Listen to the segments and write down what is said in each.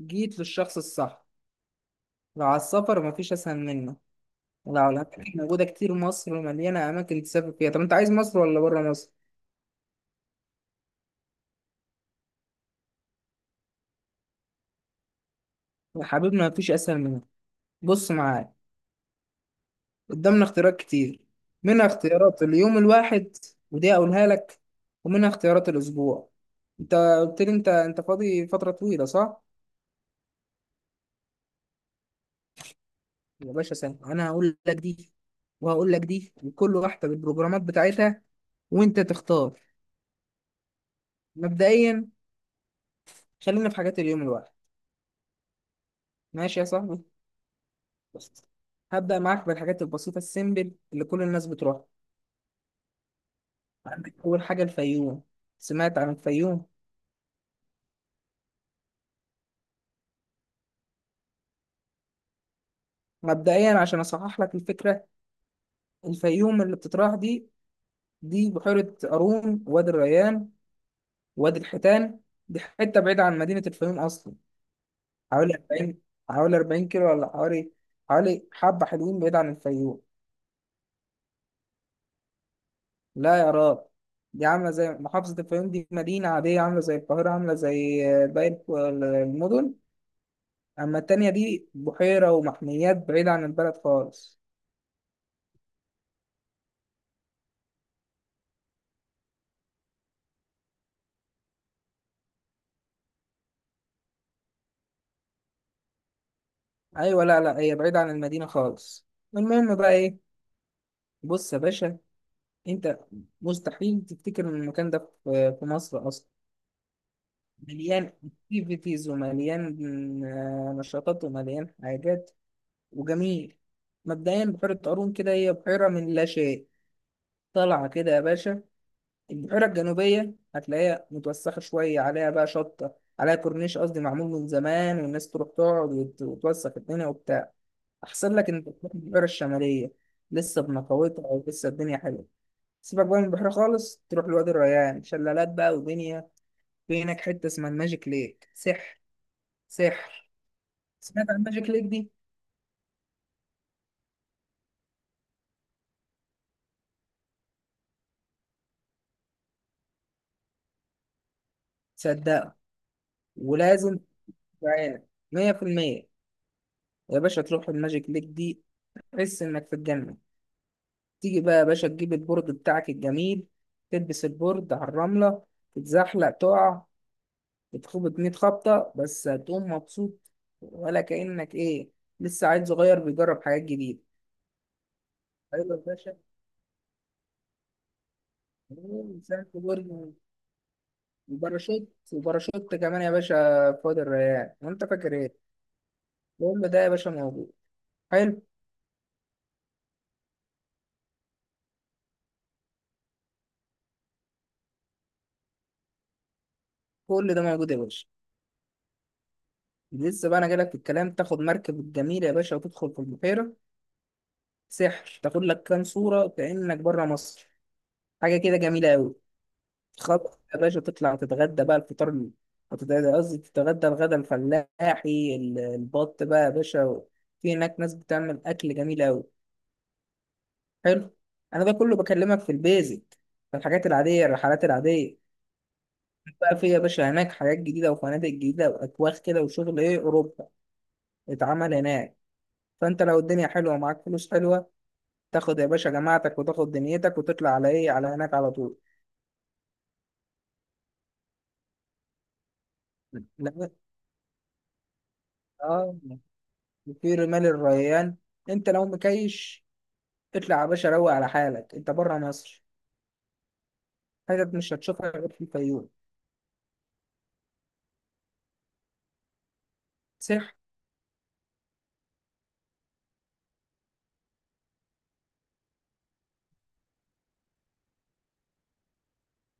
جيت للشخص الصح. لو على السفر مفيش أسهل منه. لو على الأكل موجودة كتير، مصر مليانة أماكن تسافر فيها. طب أنت عايز مصر ولا برا مصر؟ يا حبيبنا مفيش أسهل منه. بص معايا، قدامنا اختيارات كتير. منها اختيارات اليوم الواحد، ودي أقولها لك. ومنها اختيارات الأسبوع. أنت قلت لي أنت فاضي فترة طويلة، صح؟ يا باشا سهل، أنا هقول لك دي وهقول لك دي، وكل واحدة بالبروجرامات بتاعتها وأنت تختار. مبدئيا، خلينا في حاجات اليوم الواحد. ماشي يا صاحبي؟ بس، هبدأ معاك بالحاجات البسيطة السيمبل اللي كل الناس بتروحها. عندك أول حاجة الفيوم. سمعت عن الفيوم. مبدئيا عشان أصحح لك الفكرة، الفيوم اللي بتتراح دي، دي بحيرة قارون، وادي الريان، وادي الحيتان. دي حتة بعيدة عن مدينة الفيوم أصلا. حوالي 40 حوالي 40 كيلو، ولا حوالي حبة حلوين بعيد عن الفيوم. لا يا راب، دي عاملة زي محافظة الفيوم. دي مدينة عادية عاملة زي القاهرة، عاملة زي باقي المدن. أما التانية دي بحيرة ومحميات بعيدة عن البلد خالص. أيوة، لا لا، هي بعيدة عن المدينة خالص. المهم بقى إيه؟ بص يا باشا، أنت مستحيل تفتكر إن المكان ده في مصر أصلا. مليان أكتيفيتيز ومليان نشاطات ومليان حاجات، وجميل. مبدئيا بحيرة قارون كده هي بحيرة من لا شيء، طالعة كده يا باشا. البحيرة الجنوبية هتلاقيها متوسخة شوية، عليها بقى شطة، عليها كورنيش قصدي معمول من زمان، والناس تروح تقعد وتوسخ الدنيا وبتاع. أحسن لك إنك تروح البحيرة الشمالية، لسه بنقاوتها ولسه الدنيا حلوة. سيبك بقى من البحيرة خالص، تروح لوادي الريان، شلالات بقى ودنيا. في هناك حتة اسمها الماجيك ليك، سحر سحر. سمعت عن الماجيك ليك دي؟ صدقها، ولازم، تعالى، مية في المية يا باشا تروح الماجيك ليك دي، تحس إنك في الجنة. تيجي بقى يا باشا، تجيب البورد بتاعك الجميل، تلبس البورد على الرملة، تتزحلق تقع، بتخبط 100 خبطة بس هتقوم مبسوط. ولا كأنك إيه، لسه عيل صغير بيجرب حاجات جديده. أيوة يا باشا. ساعة برج، وباراشوت كمان يا باشا في وادي الريان، وأنت فاكر إيه؟ كل ده يا باشا موجود. حلو. كل ده موجود يا باشا. لسه بقى أنا جايلك في الكلام. تاخد مركب الجميل يا باشا وتدخل في البحيرة سحر، تاخد لك كام صورة كأنك بره مصر. حاجه كده جميله قوي. خلاص يا باشا تطلع تتغدى بقى. هتتغدى، قصدي تتغدى الغدا الفلاحي، البط بقى يا باشا. في هناك ناس بتعمل اكل جميل قوي. حلو. انا ده كله بكلمك في البيزك، في الحاجات العاديه، الرحلات العاديه. بقى في يا باشا هناك حاجات جديده وفنادق جديده واكواخ كده، وشغل ايه، اوروبا اتعمل هناك. فانت لو الدنيا حلوه ومعاك فلوس حلوه، تاخد يا باشا جماعتك وتاخد دنيتك وتطلع على ايه، على هناك على طول. لا- اه، في رمال الريان، انت لو مكيش، اطلع يا باشا روق على حالك، انت بره مصر. حتت مش هتشوفها غير في الفيوم. سح.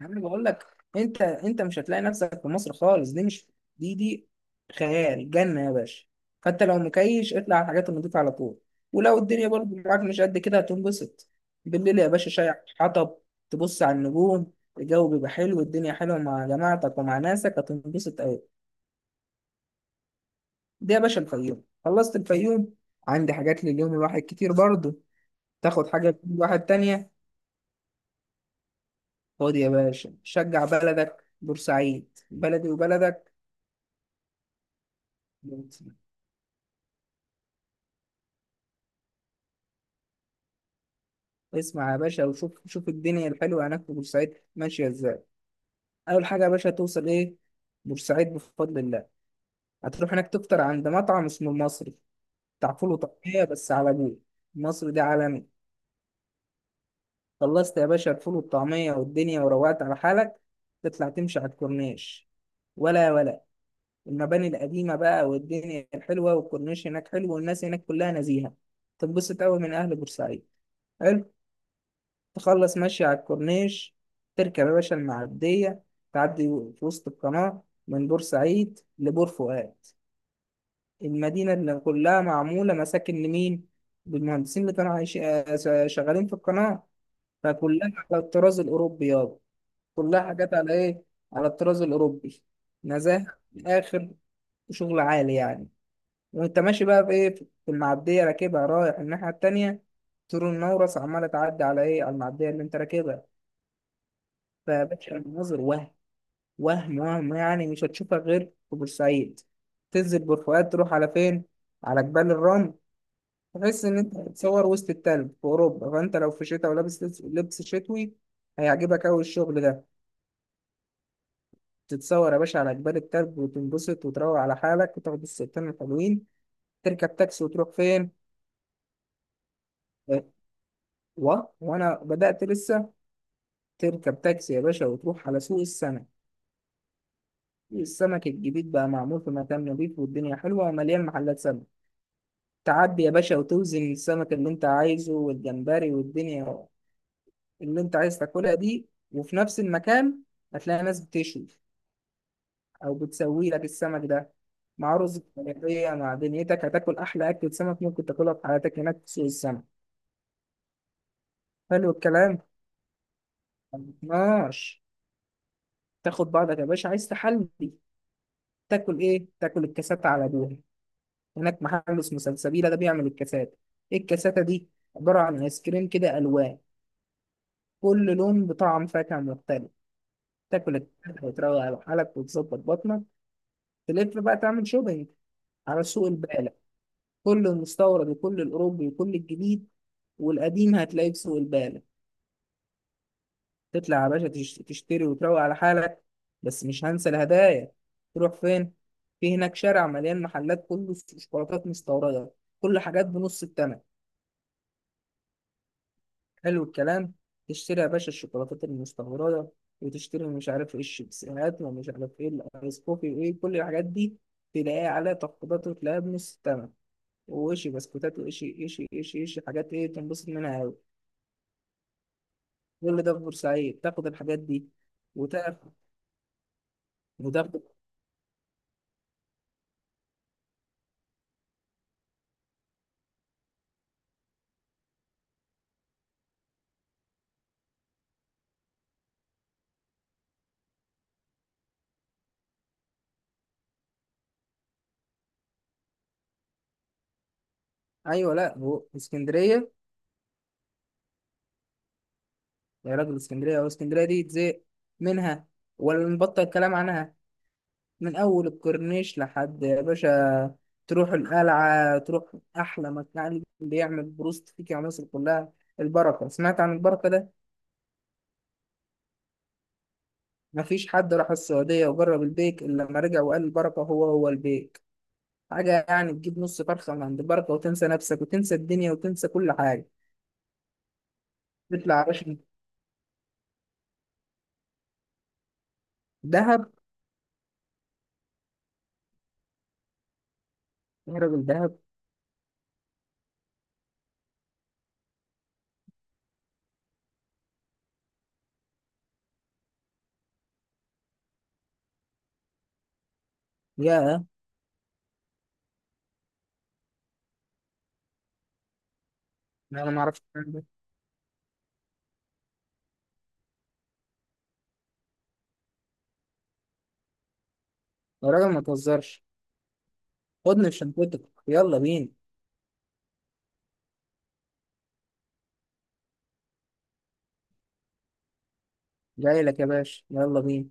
انا بقول لك، انت مش هتلاقي نفسك في مصر خالص. دي مش، دي خيال جنة يا باشا. فانت لو مكيش، اطلع على الحاجات النضيفة على طول. ولو الدنيا برضه معاك مش قد كده، هتنبسط. بالليل يا باشا، شاي، حطب، تبص على النجوم، الجو بيبقى حلو، الدنيا حلوة، مع جماعتك ومع ناسك هتنبسط أوي. دي يا باشا الفيوم، خلصت الفيوم. عندي حاجات لليوم الواحد كتير برضه، تاخد حاجة لكل واحد تانية. خد يا باشا، شجع بلدك، بورسعيد بلدي وبلدك. بورسعيد. اسمع يا باشا وشوف، شوف الدنيا الحلوة هناك في بورسعيد ماشية ازاي. أول حاجة يا باشا توصل ايه، بورسعيد بفضل الله. هتروح هناك تفطر عند مطعم اسمه المصري، بتاع فول وطعمية بس على ابوه. المصري ده عالمي. خلصت يا باشا الفول والطعمية والدنيا، وروقت على حالك، تطلع تمشي على الكورنيش. ولا، المباني القديمة بقى والدنيا الحلوة، والكورنيش هناك حلو، والناس هناك كلها نزيهة، تنبسط أوي من أهل بورسعيد. حلو. تخلص ماشي على الكورنيش، تركب يا باشا المعدية، تعدي في وسط القناة من بورسعيد لبور فؤاد. المدينة اللي كلها معمولة مساكن لمين؟ للمهندسين اللي كانوا عايشين شغالين في القناة. فكلها على الطراز الأوروبي يابا. كلها حاجات على إيه؟ على الطراز الأوروبي. نزاهة من الآخر، وشغل عالي يعني. وانت ماشي بقى في ايه، في المعديه راكبها رايح الناحيه التانيه، طول النورس عماله تعدي على ايه، على المعديه اللي انت راكبها. فيا باشا المناظر، وهم وهم وهم، يعني مش هتشوفها غير في بورسعيد. تنزل بورفؤاد تروح على فين؟ على جبال الرمل. تحس ان انت بتتصور وسط التلج في اوروبا. فانت لو في شتاء ولابس لبس شتوي، هيعجبك اوي الشغل ده. تتصور يا باشا على جبال التلج، وتنبسط وتروق على حالك، وتاخد الصورتين الحلوين. تركب تاكسي وتروح فين؟ آه، و... وانا بدأت لسه. تركب تاكسي يا باشا وتروح على سوق السمك. سوق السمك الجديد بقى معمول في مكان نظيف، والدنيا حلوة ومليان محلات سمك. تعدي يا باشا وتوزن السمك اللي انت عايزه والجمبري والدنيا اللي انت عايز تاكلها دي. وفي نفس المكان هتلاقي ناس بتشوي او بتسوي لك السمك ده مع رز بلدية، مع دنيتك هتاكل احلى اكلة سمك ممكن تاكلها في حياتك هناك في سوق السمك. حلو الكلام. ماشي. تاخد بعضك يا باشا، عايز تحلي، تاكل ايه؟ تاكل الكاسات على ابوها. هناك محل اسمه سلسبيلة، ده بيعمل الكاسات. إيه الكاساتة دي؟ عبارة عن آيس كريم كده ألوان، كل لون بطعم فاكهة مختلف. تاكل الكاسات وتروق على حالك وتظبط بطنك. تلف بقى تعمل شوبينج على سوق البالة. كل المستورد وكل الأوروبي وكل الجديد والقديم هتلاقيه في سوق البالة. تطلع يا باشا تشتري وتروق على حالك. بس مش هنسى الهدايا، تروح فين؟ في هناك شارع مليان محلات، كله شوكولاتات مستوردة، كل حاجات بنص التمن. حلو الكلام. تشتري يا باشا الشوكولاتات المستورده، وتشتري مش عارف ايه الشيبسيهات، ومش عارف ايه الايس كوفي، وايه كل الحاجات دي، تلاقيها عليها تخفيضات وتلاقيها بنص الثمن. وشي بسكوتات، وشي إشي إشي إشي حاجات، ايه تنبسط منها أوي. كل ده في بورسعيد تاخد الحاجات دي. وتاخد وتاخد ايوه، لا، هو اسكندريه. يا راجل اسكندريه، هو اسكندريه دي تزهق منها، ولا نبطل الكلام عنها. من أول الكورنيش لحد يا باشا تروح القلعة، تروح أحلى مكان بيعمل بروست فيك يا مصر كلها، البركة. سمعت عن البركة ده؟ مفيش حد راح السعودية وجرب البيك إلا لما رجع وقال البركة هو هو البيك. حاجة يعني، تجيب نص فرخة من عند البركة وتنسى نفسك وتنسى الدنيا وتنسى كل حاجة. تطلع يا باشا. دهب. يا راجل دهب. يا أنا معرفش الكلام ده. يا راجل ما تهزرش. خدني في شنطتك، يلا بينا. جاي لك يا باشا، يلا بينا.